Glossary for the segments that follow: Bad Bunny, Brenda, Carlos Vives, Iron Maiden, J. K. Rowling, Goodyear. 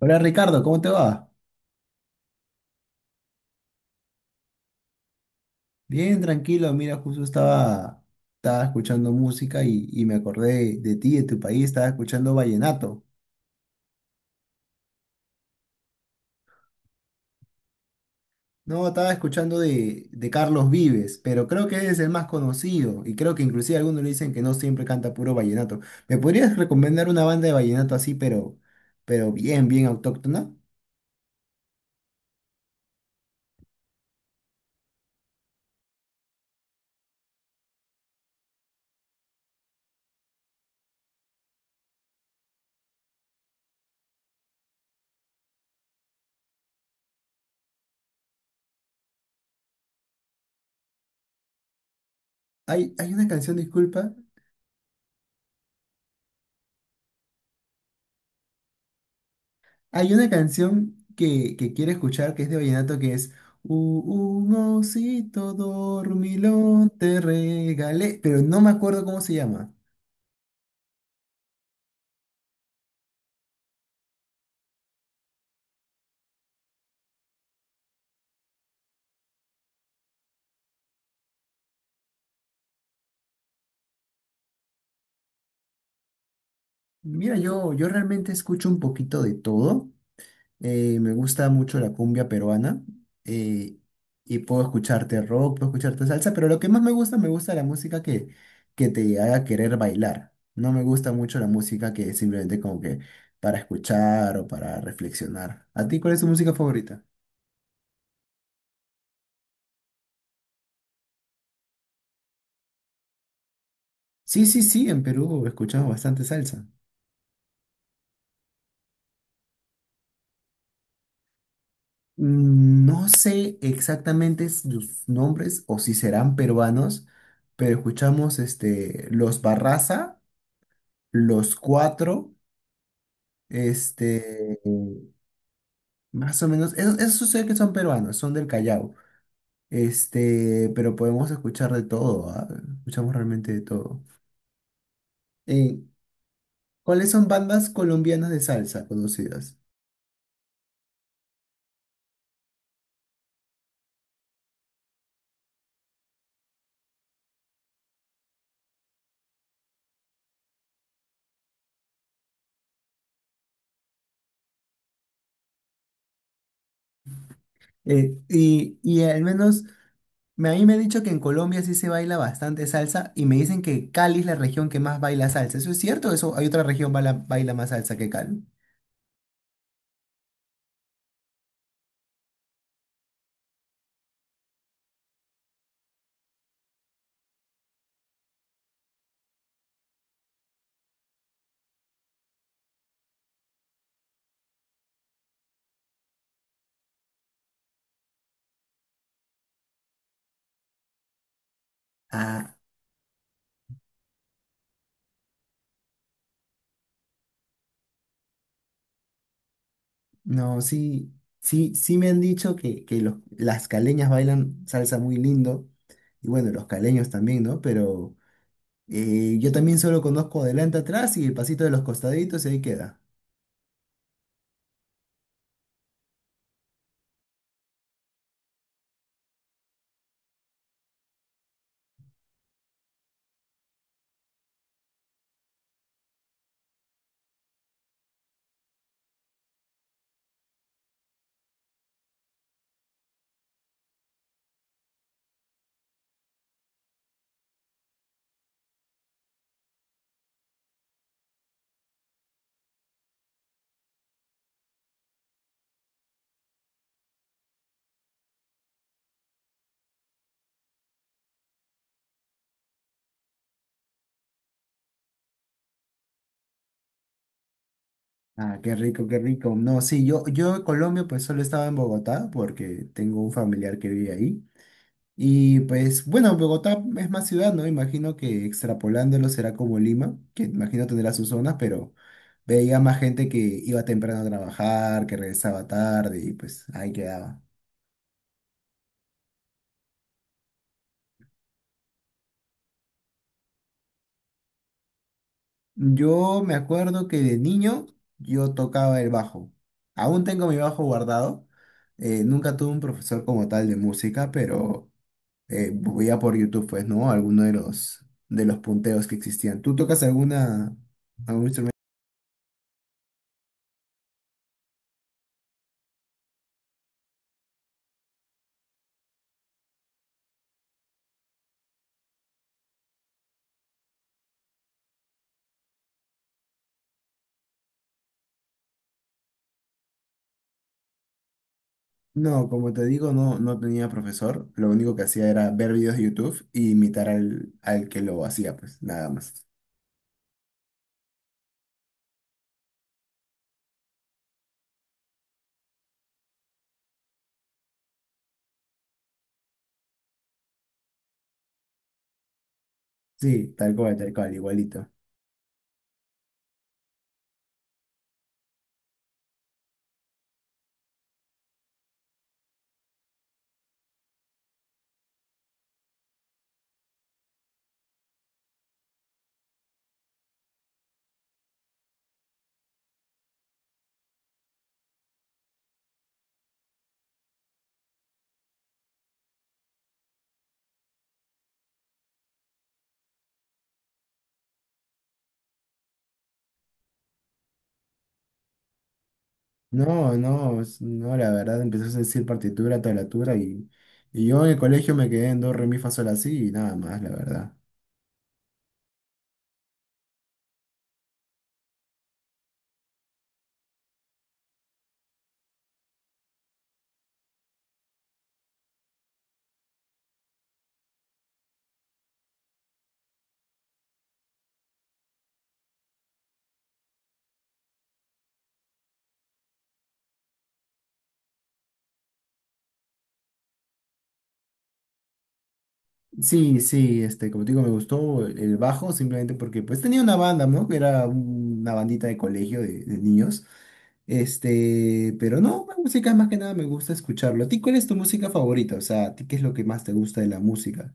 Hola Ricardo, ¿cómo te va? Bien, tranquilo. Mira, estaba escuchando música y me acordé de ti, de tu país, estaba escuchando vallenato. No, estaba escuchando de Carlos Vives, pero creo que es el más conocido y creo que inclusive algunos le dicen que no siempre canta puro vallenato. ¿Me podrías recomendar una banda de vallenato así, pero bien, bien autóctona? Hay una canción, disculpa. Hay una canción que quiero escuchar que es de vallenato, que es "un osito dormilón te regalé, pero no me acuerdo cómo se llama. Mira, yo realmente escucho un poquito de todo. Me gusta mucho la cumbia peruana, eh, y puedo escucharte rock, puedo escucharte salsa, pero lo que más me gusta la música que te haga querer bailar. No me gusta mucho la música que es simplemente como que para escuchar o para reflexionar. ¿A ti cuál es tu música favorita? Sí, sí, sí, en Perú he escuchado bastante salsa. Mm, no sé exactamente sus nombres o si serán peruanos, pero escuchamos este, los Barraza, los Cuatro, este, más o menos, esos, esos sé que son peruanos, son del Callao, este, pero podemos escuchar de todo, ¿ah? Escuchamos realmente de todo. Eh, ¿Cuáles son bandas colombianas de salsa conocidas? Al menos... a mí me han dicho que en Colombia sí se baila bastante salsa y me dicen que Cali es la región que más baila salsa. ¿Eso es cierto? ¿Eso hay otra región baila más salsa que Cali? Ah, no, sí, sí, sí me han dicho que los, las caleñas bailan salsa muy lindo y bueno, los caleños también, ¿no? Pero yo también solo conozco adelante atrás y el pasito de los costaditos y ahí queda. Ah, qué rico, qué rico. No, sí, yo en Colombia pues solo estaba en Bogotá porque tengo un familiar que vive ahí. Y pues bueno, Bogotá es más ciudad, ¿no? Imagino que extrapolándolo será como Lima, que imagino tendrá sus zonas, pero veía más gente que iba temprano a trabajar, que regresaba tarde y pues ahí quedaba. Yo me acuerdo que de niño yo tocaba el bajo. Aún tengo mi bajo guardado. Nunca tuve un profesor como tal de música, pero veía por YouTube, pues, ¿no? Alguno de los punteos que existían. ¿Tú tocas algún instrumento? No, como te digo, no tenía profesor. Lo único que hacía era ver videos de YouTube y imitar al que lo hacía, pues nada más. Sí, tal cual, igualito. No, no, no, la verdad empezó a decir partitura, tablatura, y yo en el colegio me quedé en do, re, mi, fa, sol, así y nada más, la verdad. Sí, sí, este, como te digo, me gustó el bajo simplemente porque pues tenía una banda, ¿no? Que era una bandita de colegio de niños. Este, pero no, la música más que nada me gusta escucharlo. ¿A ti cuál es tu música favorita? O sea, ¿a ti qué es lo que más te gusta de la música?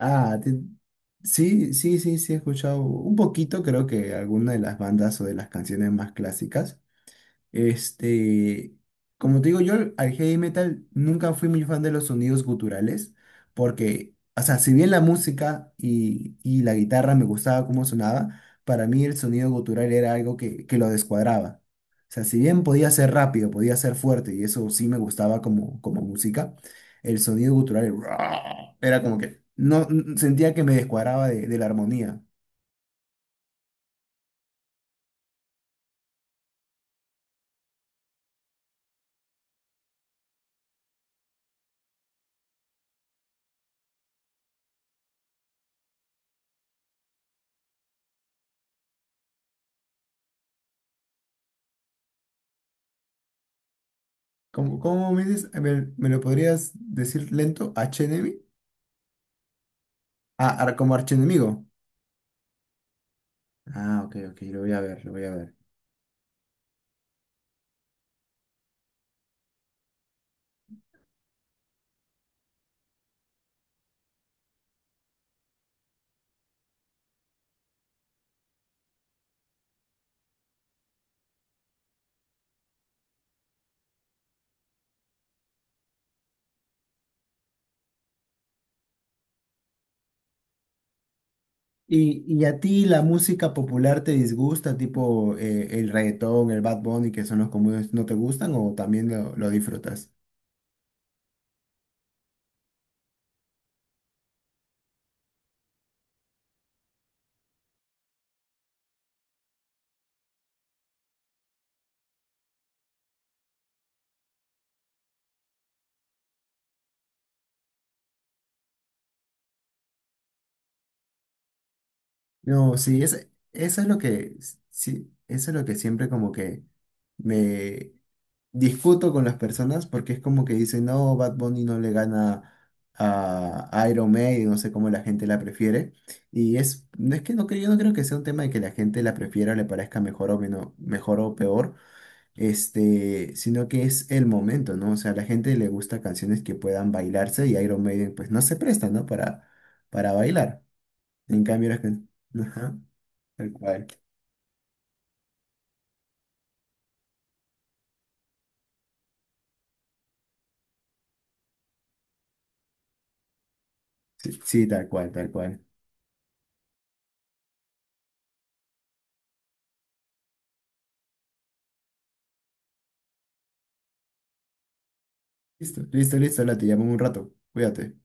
Ah, te- sí, sí, sí, sí, he escuchado un poquito, creo que alguna de las bandas o de las canciones más clásicas. Este, como te digo, yo al heavy metal nunca fui muy fan de los sonidos guturales, porque, o sea, si bien la música y la guitarra me gustaba cómo sonaba, para mí el sonido gutural era algo que lo descuadraba. O sea, si bien podía ser rápido, podía ser fuerte, y eso sí me gustaba como, como música, el sonido gutural el era como que no sentía que me descuadraba de la armonía. ¿Cómo, cómo me dices? A ver, ¿me lo podrías decir lento? ¿H-enemy? Ah, como archienemigo. Ah, ok, ok, lo voy a ver, lo voy a ver. Y a ti la música popular te disgusta, tipo el reggaetón, el Bad Bunny, que son los comunes, no te gustan o también lo disfrutas? No, sí, eso es lo sí, eso es lo que siempre como que me discuto con las personas porque es como que dicen, no, Bad Bunny no le gana a Iron Maiden, no sé cómo la gente la prefiere. Y es, no es que no creo, yo no creo que sea un tema de que la gente la prefiera o le parezca mejor o menos, mejor o peor, este, sino que es el momento, ¿no? O sea, a la gente le gusta canciones que puedan bailarse y Iron Maiden pues no se presta, ¿no? Para bailar. En cambio, las canciones... Tal cual. Sí, sí, tal cual, tal cual. Listo, listo, listo, la te llamo en un rato. Cuídate.